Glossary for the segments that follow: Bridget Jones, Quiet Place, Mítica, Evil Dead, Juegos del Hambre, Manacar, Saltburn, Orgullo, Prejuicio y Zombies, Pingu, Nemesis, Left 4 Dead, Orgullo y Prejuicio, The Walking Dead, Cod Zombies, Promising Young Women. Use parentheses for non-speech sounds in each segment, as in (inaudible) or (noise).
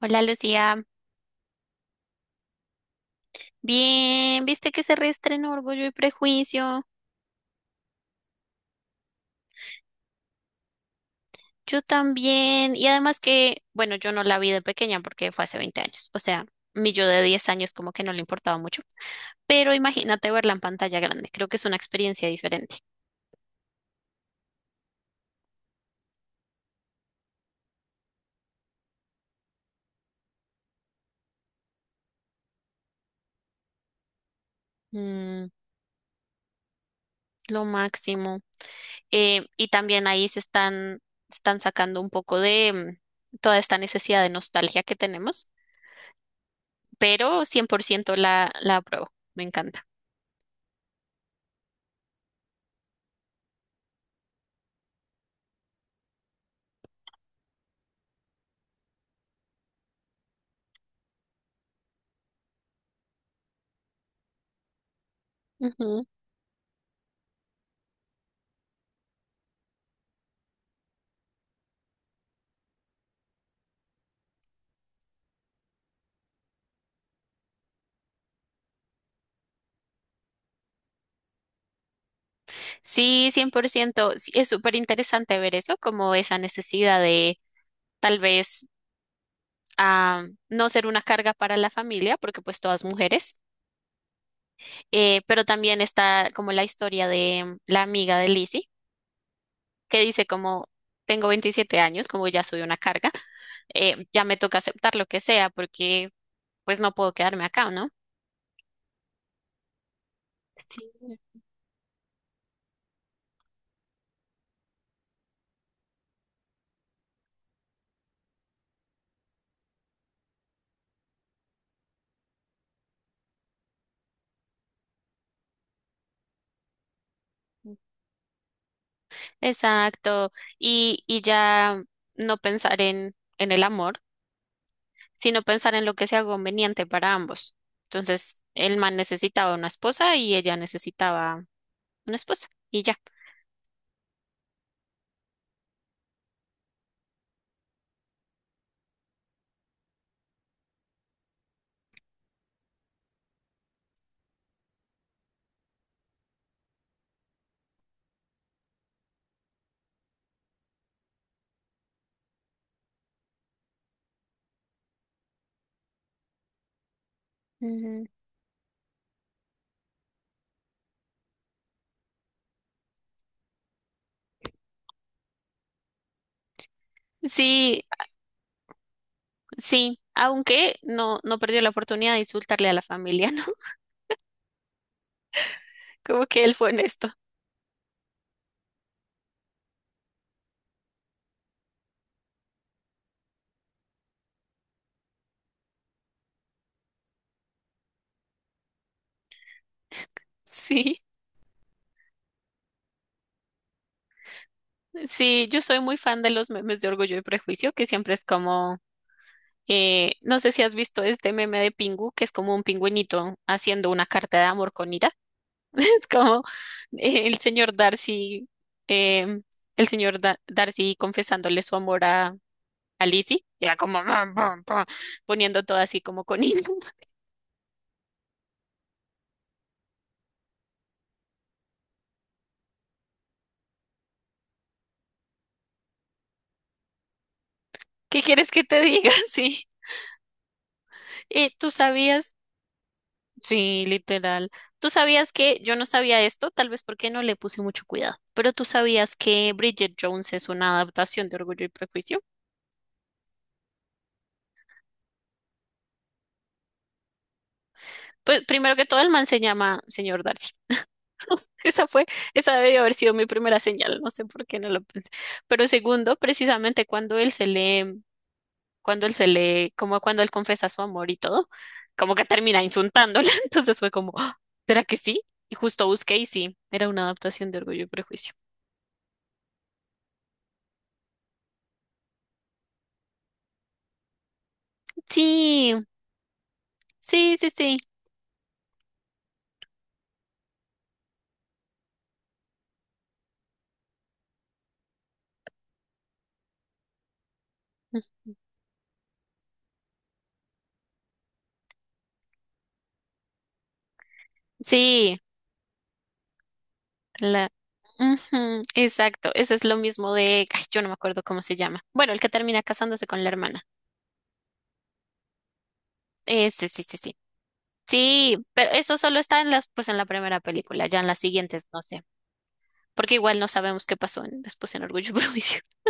Hola Lucía, bien, viste que se reestrenó Orgullo y Prejuicio, yo también, y además que, bueno, yo no la vi de pequeña porque fue hace 20 años, o sea, mi yo de 10 años como que no le importaba mucho, pero imagínate verla en pantalla grande, creo que es una experiencia diferente. Mm, lo máximo. Y también ahí están sacando un poco de toda esta necesidad de nostalgia que tenemos, pero 100% la apruebo, me encanta. Sí, 100%. Sí, es súper interesante ver eso, como esa necesidad de tal vez ah, no ser una carga para la familia, porque pues todas mujeres. Pero también está como la historia de la amiga de Lizzie, que dice como tengo 27 años, como ya soy una carga, ya me toca aceptar lo que sea, porque pues no puedo quedarme acá, ¿no? Sí. Exacto. Y ya no pensar en el amor, sino pensar en lo que sea conveniente para ambos. Entonces, el man necesitaba una esposa y ella necesitaba un esposo y ya. Ujú. Sí, sí, aunque no, no perdió la oportunidad de insultarle a la familia, ¿no? (laughs) Como que él fue honesto. Sí, sí, yo soy muy fan de los memes de Orgullo y Prejuicio, que siempre es como, no sé si has visto este meme de Pingu, que es como un pingüinito haciendo una carta de amor con ira. (laughs) Es como el señor Darcy, eh, el señor Darcy confesándole su amor a Lizzie, y era como "Mam, pam, pam", poniendo todo así como con hilo. (laughs) ¿Qué quieres que te diga? (laughs) Sí. ¿Tú sabías? Sí, literal. ¿Tú sabías que yo no sabía esto? Tal vez porque no le puse mucho cuidado. Pero ¿tú sabías que Bridget Jones es una adaptación de Orgullo y Prejuicio? Pues primero que todo, el man se llama señor Darcy. (laughs) No sé, esa debió haber sido mi primera señal, no sé por qué no lo pensé. Pero segundo, precisamente cuando él se le, cuando él se le, como cuando él confesa su amor y todo, como que termina insultándola, (laughs) entonces fue como, "Ah, ¿será que sí? Y justo busqué y sí, era una adaptación de Orgullo y Prejuicio. Sí, sí, sí, sí, mm, sí, la, ujú, exacto, ese es lo mismo de, ay, yo no me acuerdo cómo se llama. Bueno, el que termina casándose con la hermana. Ese, sí, sí, sí. Sí, pero eso solo está pues en la primera película, ya en las siguientes no sé, porque igual no sabemos qué pasó después en Orgullo y Prejuicio. (laughs)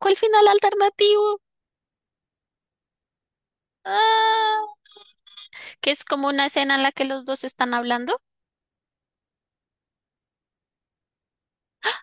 ¿Cuál final alternativo? Ah, que es como una escena en la que los dos están hablando.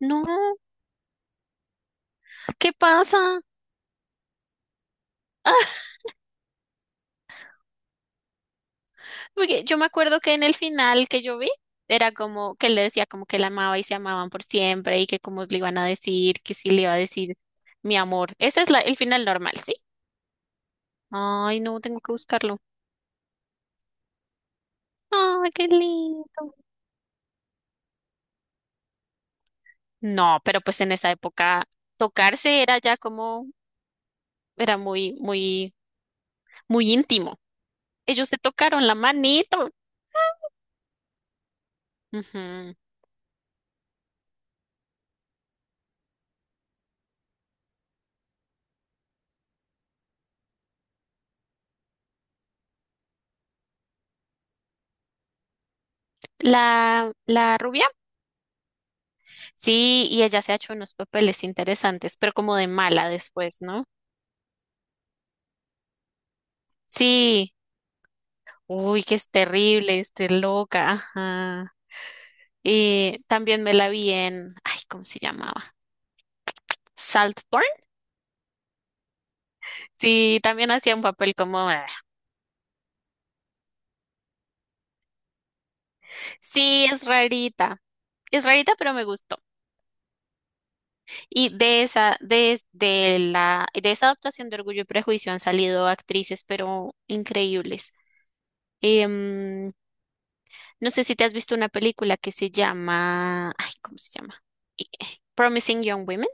No, ¿qué pasa? Ah, porque yo me acuerdo que en el final que yo vi era como que él le decía como que la amaba y se amaban por siempre y que cómo le iban a decir, que sí le iba a decir mi amor. Ese es el final normal, ¿sí? Ay, no, tengo que buscarlo. Ay, qué lindo. No, pero pues en esa época tocarse era ya como, era muy, muy, muy íntimo. Ellos se tocaron la manito. Ujú. La rubia, sí, y ella se ha hecho unos papeles interesantes, pero como de mala después, ¿no? Sí, uy, que es terrible, esté loca, ajá. Y también me la vi en, ay, ¿cómo se llamaba? Saltburn. Sí, también hacía un papel como, sí, es rarita. Es rarita, pero me gusta. Y de esa adaptación de Orgullo y Prejuicio han salido actrices, pero increíbles. Em, no sé si te has visto una película que se llama, ay, ¿cómo se llama? Promising Young Women.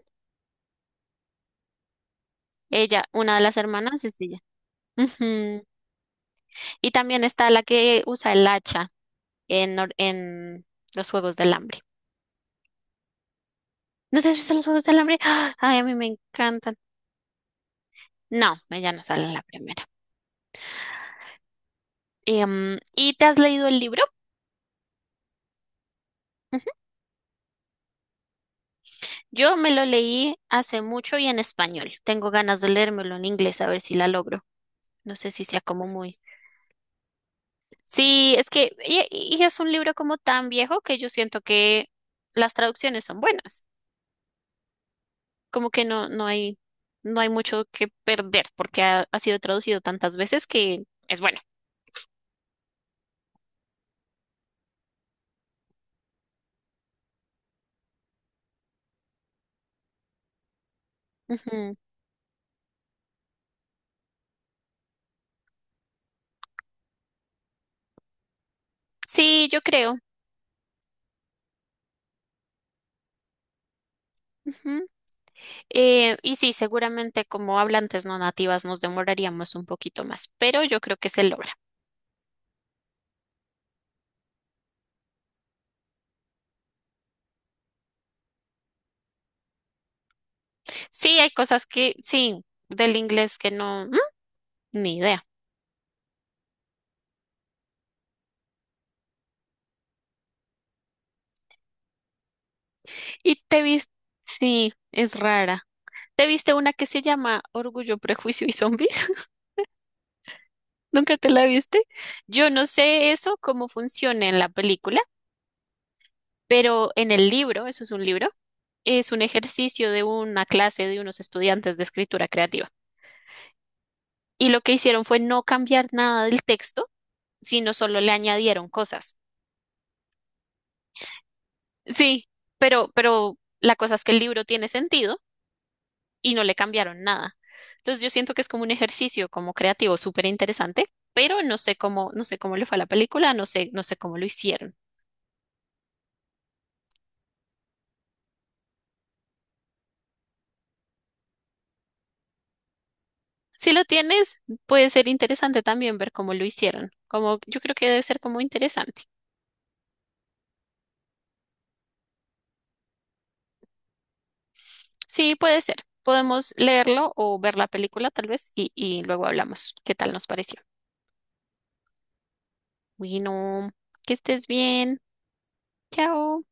Ella, una de las hermanas, es ella. Ujú. Y también está la que usa el hacha en, en los Juegos del Hambre. ¿No te has visto los Juegos del Hambre? ¡Ah! Ay, a mí me encantan. No, ella no sale en la primera. ¿Y te has leído el libro? Yo me lo leí hace mucho y en español. Tengo ganas de leérmelo en inglés a ver si la logro. No sé si sea como muy. Sí, es que y es un libro como tan viejo que yo siento que las traducciones son buenas. Como que no hay mucho que perder porque ha sido traducido tantas veces que es bueno. Ujú. Sí, yo creo. Ujú. Y sí, seguramente como hablantes no nativas nos demoraríamos un poquito más, pero yo creo que se logra. Sí, hay cosas que, sí, del inglés que no, ni idea. Y te viste, sí, es rara. ¿Te viste una que se llama Orgullo, Prejuicio y Zombies? (laughs) ¿Nunca te la viste? Yo no sé eso, cómo funciona en la película, pero en el libro, eso es un libro, es un ejercicio de una clase de unos estudiantes de escritura creativa. Y lo que hicieron fue no cambiar nada del texto, sino solo le añadieron cosas. Sí, pero la cosa es que el libro tiene sentido y no le cambiaron nada. Entonces yo siento que es como un ejercicio como creativo súper interesante, pero no sé cómo, no sé cómo le fue a la película, no sé, no sé cómo lo hicieron. Si lo tienes, puede ser interesante también ver cómo lo hicieron. Como yo creo que debe ser como interesante. Sí, puede ser. Podemos leerlo o ver la película tal vez y luego hablamos qué tal nos pareció. Bueno, que estés bien. Chao.